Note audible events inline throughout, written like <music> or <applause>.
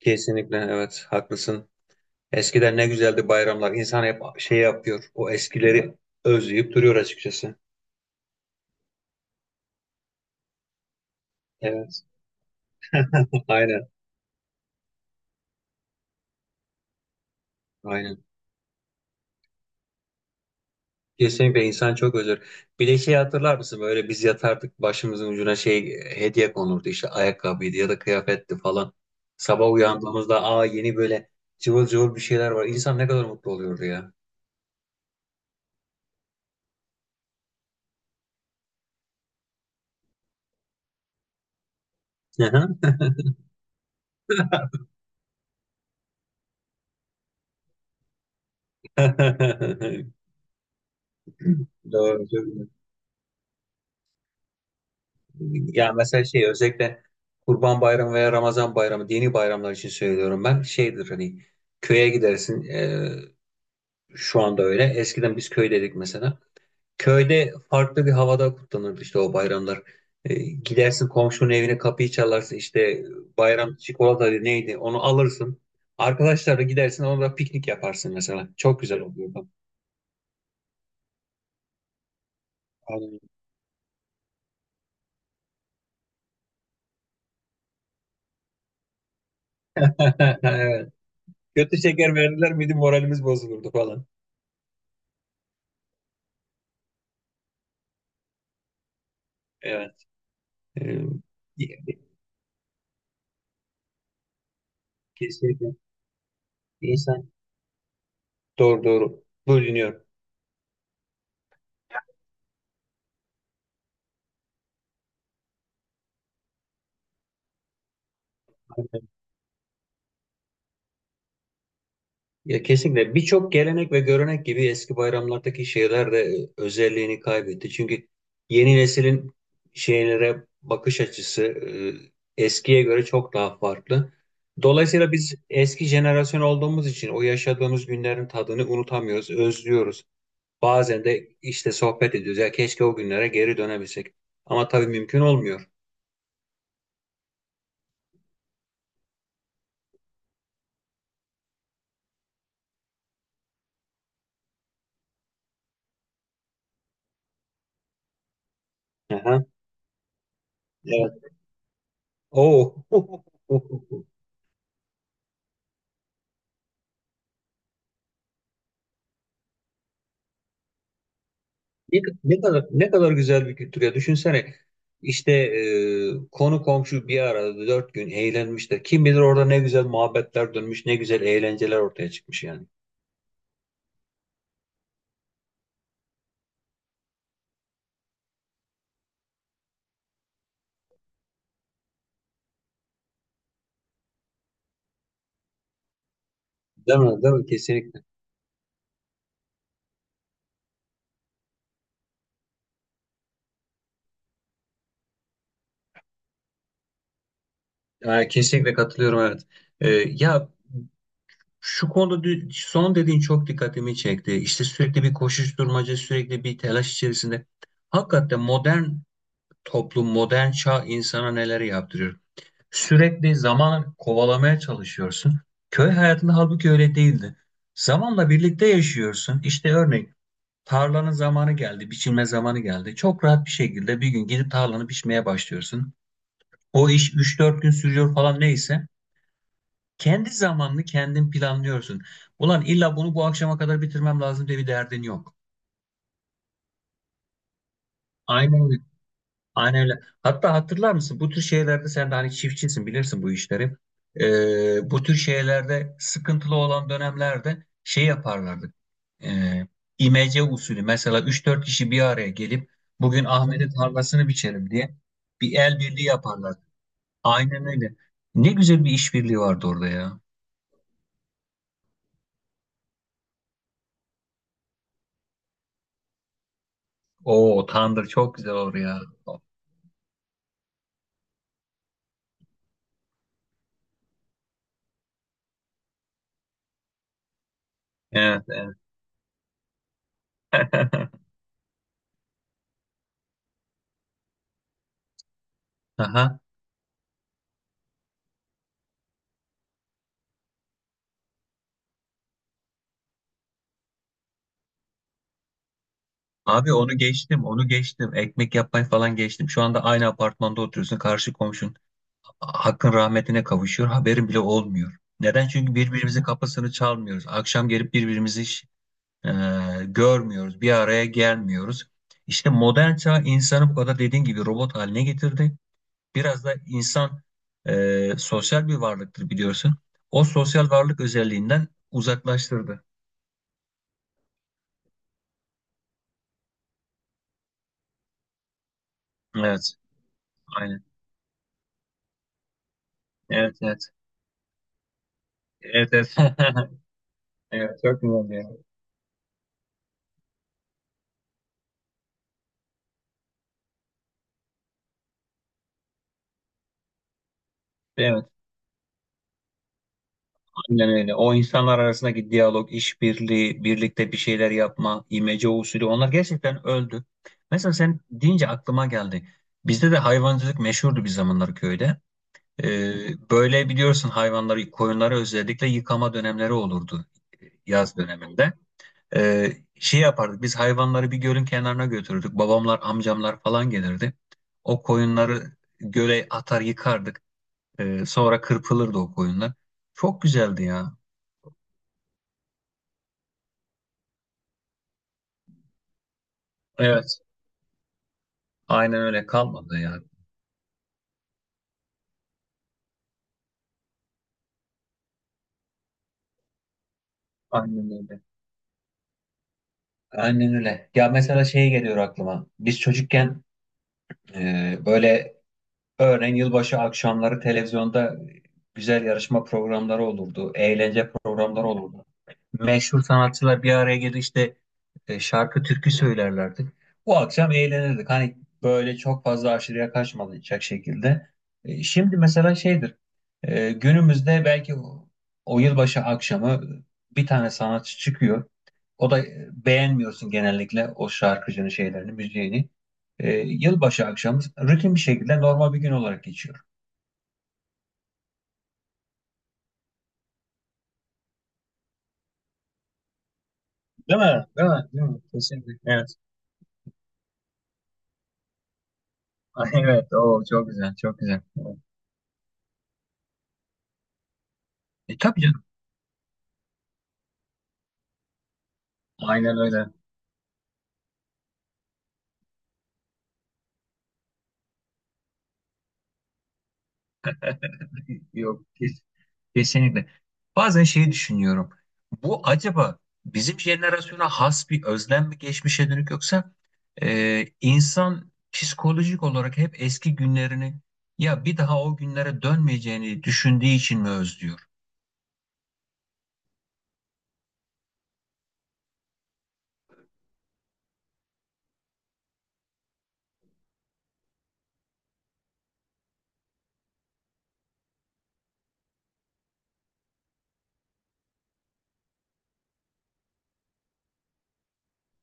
Kesinlikle evet haklısın. Eskiden ne güzeldi bayramlar. İnsan hep şey yapıyor. O eskileri özleyip duruyor açıkçası. Evet. <laughs> Aynen. Aynen. Kesinlikle insan çok özür. Bir de şey hatırlar mısın? Böyle biz yatardık başımızın ucuna şey hediye konurdu işte ayakkabıydı ya da kıyafetti falan. Sabah uyandığımızda aa yeni böyle cıvıl cıvıl bir şeyler var. İnsan ne kadar mutlu oluyordu ya. <laughs> Doğru. Çok. Ya mesela şey özellikle Kurban Bayramı veya Ramazan Bayramı dini bayramlar için söylüyorum ben. Şeydir hani köye gidersin şu anda öyle. Eskiden biz köydeydik mesela. Köyde farklı bir havada kutlanırdı işte o bayramlar. Gidersin komşunun evine kapıyı çalarsın işte bayram çikolata neydi onu alırsın. Arkadaşlarla gidersin orada piknik yaparsın mesela. Çok güzel oluyordu. Aynen. <laughs> Evet. Kötü şeker verirler miydi moralimiz bozulurdu falan. Evet. E, Kesinlikle. İnsan doğru doğru bölünüyor. Aynen. Ya kesinlikle birçok gelenek ve görenek gibi eski bayramlardaki şeyler de özelliğini kaybetti. Çünkü yeni neslin şeylere bakış açısı eskiye göre çok daha farklı. Dolayısıyla biz eski jenerasyon olduğumuz için o yaşadığımız günlerin tadını unutamıyoruz, özlüyoruz. Bazen de işte sohbet ediyoruz. Ya keşke o günlere geri dönebilsek. Ama tabii mümkün olmuyor. Aha, evet. Oo. <laughs> Ne kadar ne kadar güzel bir kültür ya. Düşünsene işte konu komşu bir arada 4 gün eğlenmişler. Kim bilir orada ne güzel muhabbetler dönmüş, ne güzel eğlenceler ortaya çıkmış yani. Değil mi? Değil mi? Kesinlikle. Yani kesinlikle katılıyorum evet. E, ya şu konuda son dediğin çok dikkatimi çekti. İşte sürekli bir koşuşturmaca, sürekli bir telaş içerisinde. Hakikaten modern toplum, modern çağ insana neler yaptırıyor. Sürekli zaman kovalamaya çalışıyorsun. Köy hayatında halbuki öyle değildi. Zamanla birlikte yaşıyorsun. İşte örneğin tarlanın zamanı geldi, biçilme zamanı geldi. Çok rahat bir şekilde bir gün gidip tarlanı biçmeye başlıyorsun. O iş üç dört gün sürüyor falan neyse. Kendi zamanını kendin planlıyorsun. Ulan illa bunu bu akşama kadar bitirmem lazım diye bir derdin yok. Aynen. Aynen öyle. Hatta hatırlar mısın bu tür şeylerde sen de hani çiftçisin bilirsin bu işleri. Bu tür şeylerde sıkıntılı olan dönemlerde şey yaparlardı. Ee, imece usulü mesela üç dört kişi bir araya gelip bugün Ahmet'in tarlasını biçelim diye bir el birliği yaparlardı. Aynen öyle. Ne güzel bir işbirliği vardı orada ya. Oo, tandır çok güzel olur ya. Evet, evet. <laughs> Aha. Abi onu geçtim, onu geçtim. Ekmek yapmayı falan geçtim. Şu anda aynı apartmanda oturuyorsun. Karşı komşun hakkın rahmetine kavuşuyor. Haberin bile olmuyor. Neden? Çünkü birbirimizin kapısını çalmıyoruz. Akşam gelip birbirimizi hiç, e, görmüyoruz. Bir araya gelmiyoruz. İşte modern çağ insanı bu kadar dediğin gibi robot haline getirdi. Biraz da insan sosyal bir varlıktır biliyorsun. O sosyal varlık özelliğinden uzaklaştırdı. Evet, aynen. Evet, evet. Evet, evet. <laughs> Evet, çok güzel ya. Evet, aynen öyle. O insanlar arasındaki diyalog, işbirliği, birlikte bir şeyler yapma, imece usulü onlar gerçekten öldü. Mesela sen deyince aklıma geldi. Bizde de hayvancılık meşhurdu bir zamanlar köyde. Böyle biliyorsun hayvanları, koyunları özellikle yıkama dönemleri olurdu yaz döneminde. Şey yapardık, biz hayvanları bir gölün kenarına götürürdük. Babamlar, amcamlar falan gelirdi. O koyunları göle atar yıkardık. Sonra kırpılırdı o koyunlar. Çok güzeldi ya. Evet. Aynen öyle kalmadı ya. Aynen öyle. Aynen öyle. Ya mesela şey geliyor aklıma. Biz çocukken böyle örneğin yılbaşı akşamları televizyonda güzel yarışma programları olurdu. Eğlence programları olurdu. Meşhur sanatçılar bir araya gelir işte şarkı türkü söylerlerdi. Bu akşam eğlenirdik. Hani böyle çok fazla aşırıya kaçmayacak şekilde. Şimdi mesela şeydir. Günümüzde belki o yılbaşı akşamı bir tane sanatçı çıkıyor. O da beğenmiyorsun genellikle o şarkıcının şeylerini, müziğini. Yılbaşı akşamı rutin bir şekilde normal bir gün olarak geçiyor. Değil mi? Değil mi? Değil mi? Kesinlikle. Evet. <laughs> Evet. O çok güzel. Çok güzel. Evet. Tabii. Aynen öyle. <laughs> Yok, kesinlikle. Bazen şeyi düşünüyorum. Bu acaba bizim jenerasyona has bir özlem mi geçmişe dönük yoksa insan psikolojik olarak hep eski günlerini ya bir daha o günlere dönmeyeceğini düşündüğü için mi özlüyor?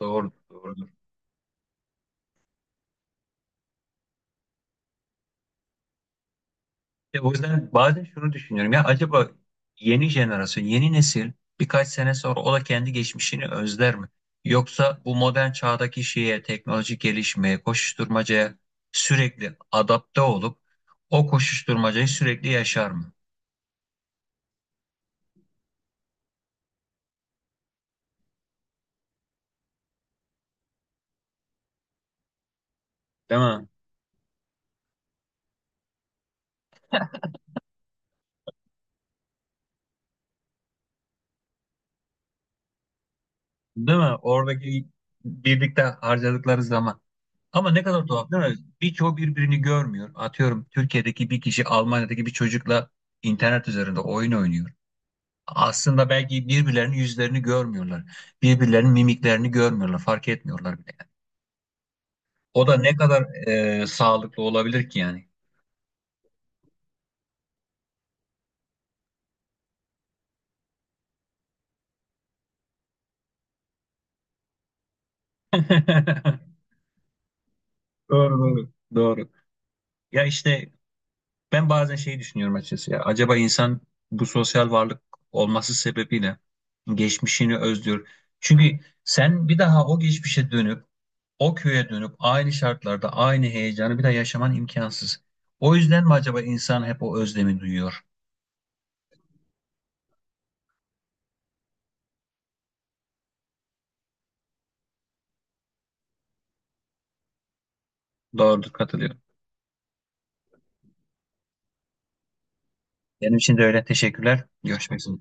Doğru, doğru. Ya o yüzden bazen şunu düşünüyorum ya acaba yeni jenerasyon, yeni nesil birkaç sene sonra o da kendi geçmişini özler mi? Yoksa bu modern çağdaki şeye, teknolojik gelişmeye, koşuşturmacaya sürekli adapte olup o koşuşturmacayı sürekli yaşar mı? Değil mi? Değil mi? Oradaki birlikte harcadıkları zaman. Ama ne kadar tuhaf değil mi? Birçoğu birbirini görmüyor. Atıyorum Türkiye'deki bir kişi Almanya'daki bir çocukla internet üzerinde oyun oynuyor. Aslında belki birbirlerinin yüzlerini görmüyorlar. Birbirlerinin mimiklerini görmüyorlar. Fark etmiyorlar bile. O da ne kadar sağlıklı olabilir ki yani. <laughs> Doğru doğru. Doğru. Ya işte ben bazen şeyi düşünüyorum açıkçası ya. Acaba insan bu sosyal varlık olması sebebiyle geçmişini özlüyor. Çünkü sen bir daha o geçmişe dönüp o köye dönüp aynı şartlarda aynı heyecanı bir daha yaşaman imkansız. O yüzden mi acaba insan hep o özlemi duyuyor? Doğrudur, katılıyorum. Benim için de öyle. Teşekkürler. Görüşmek üzere.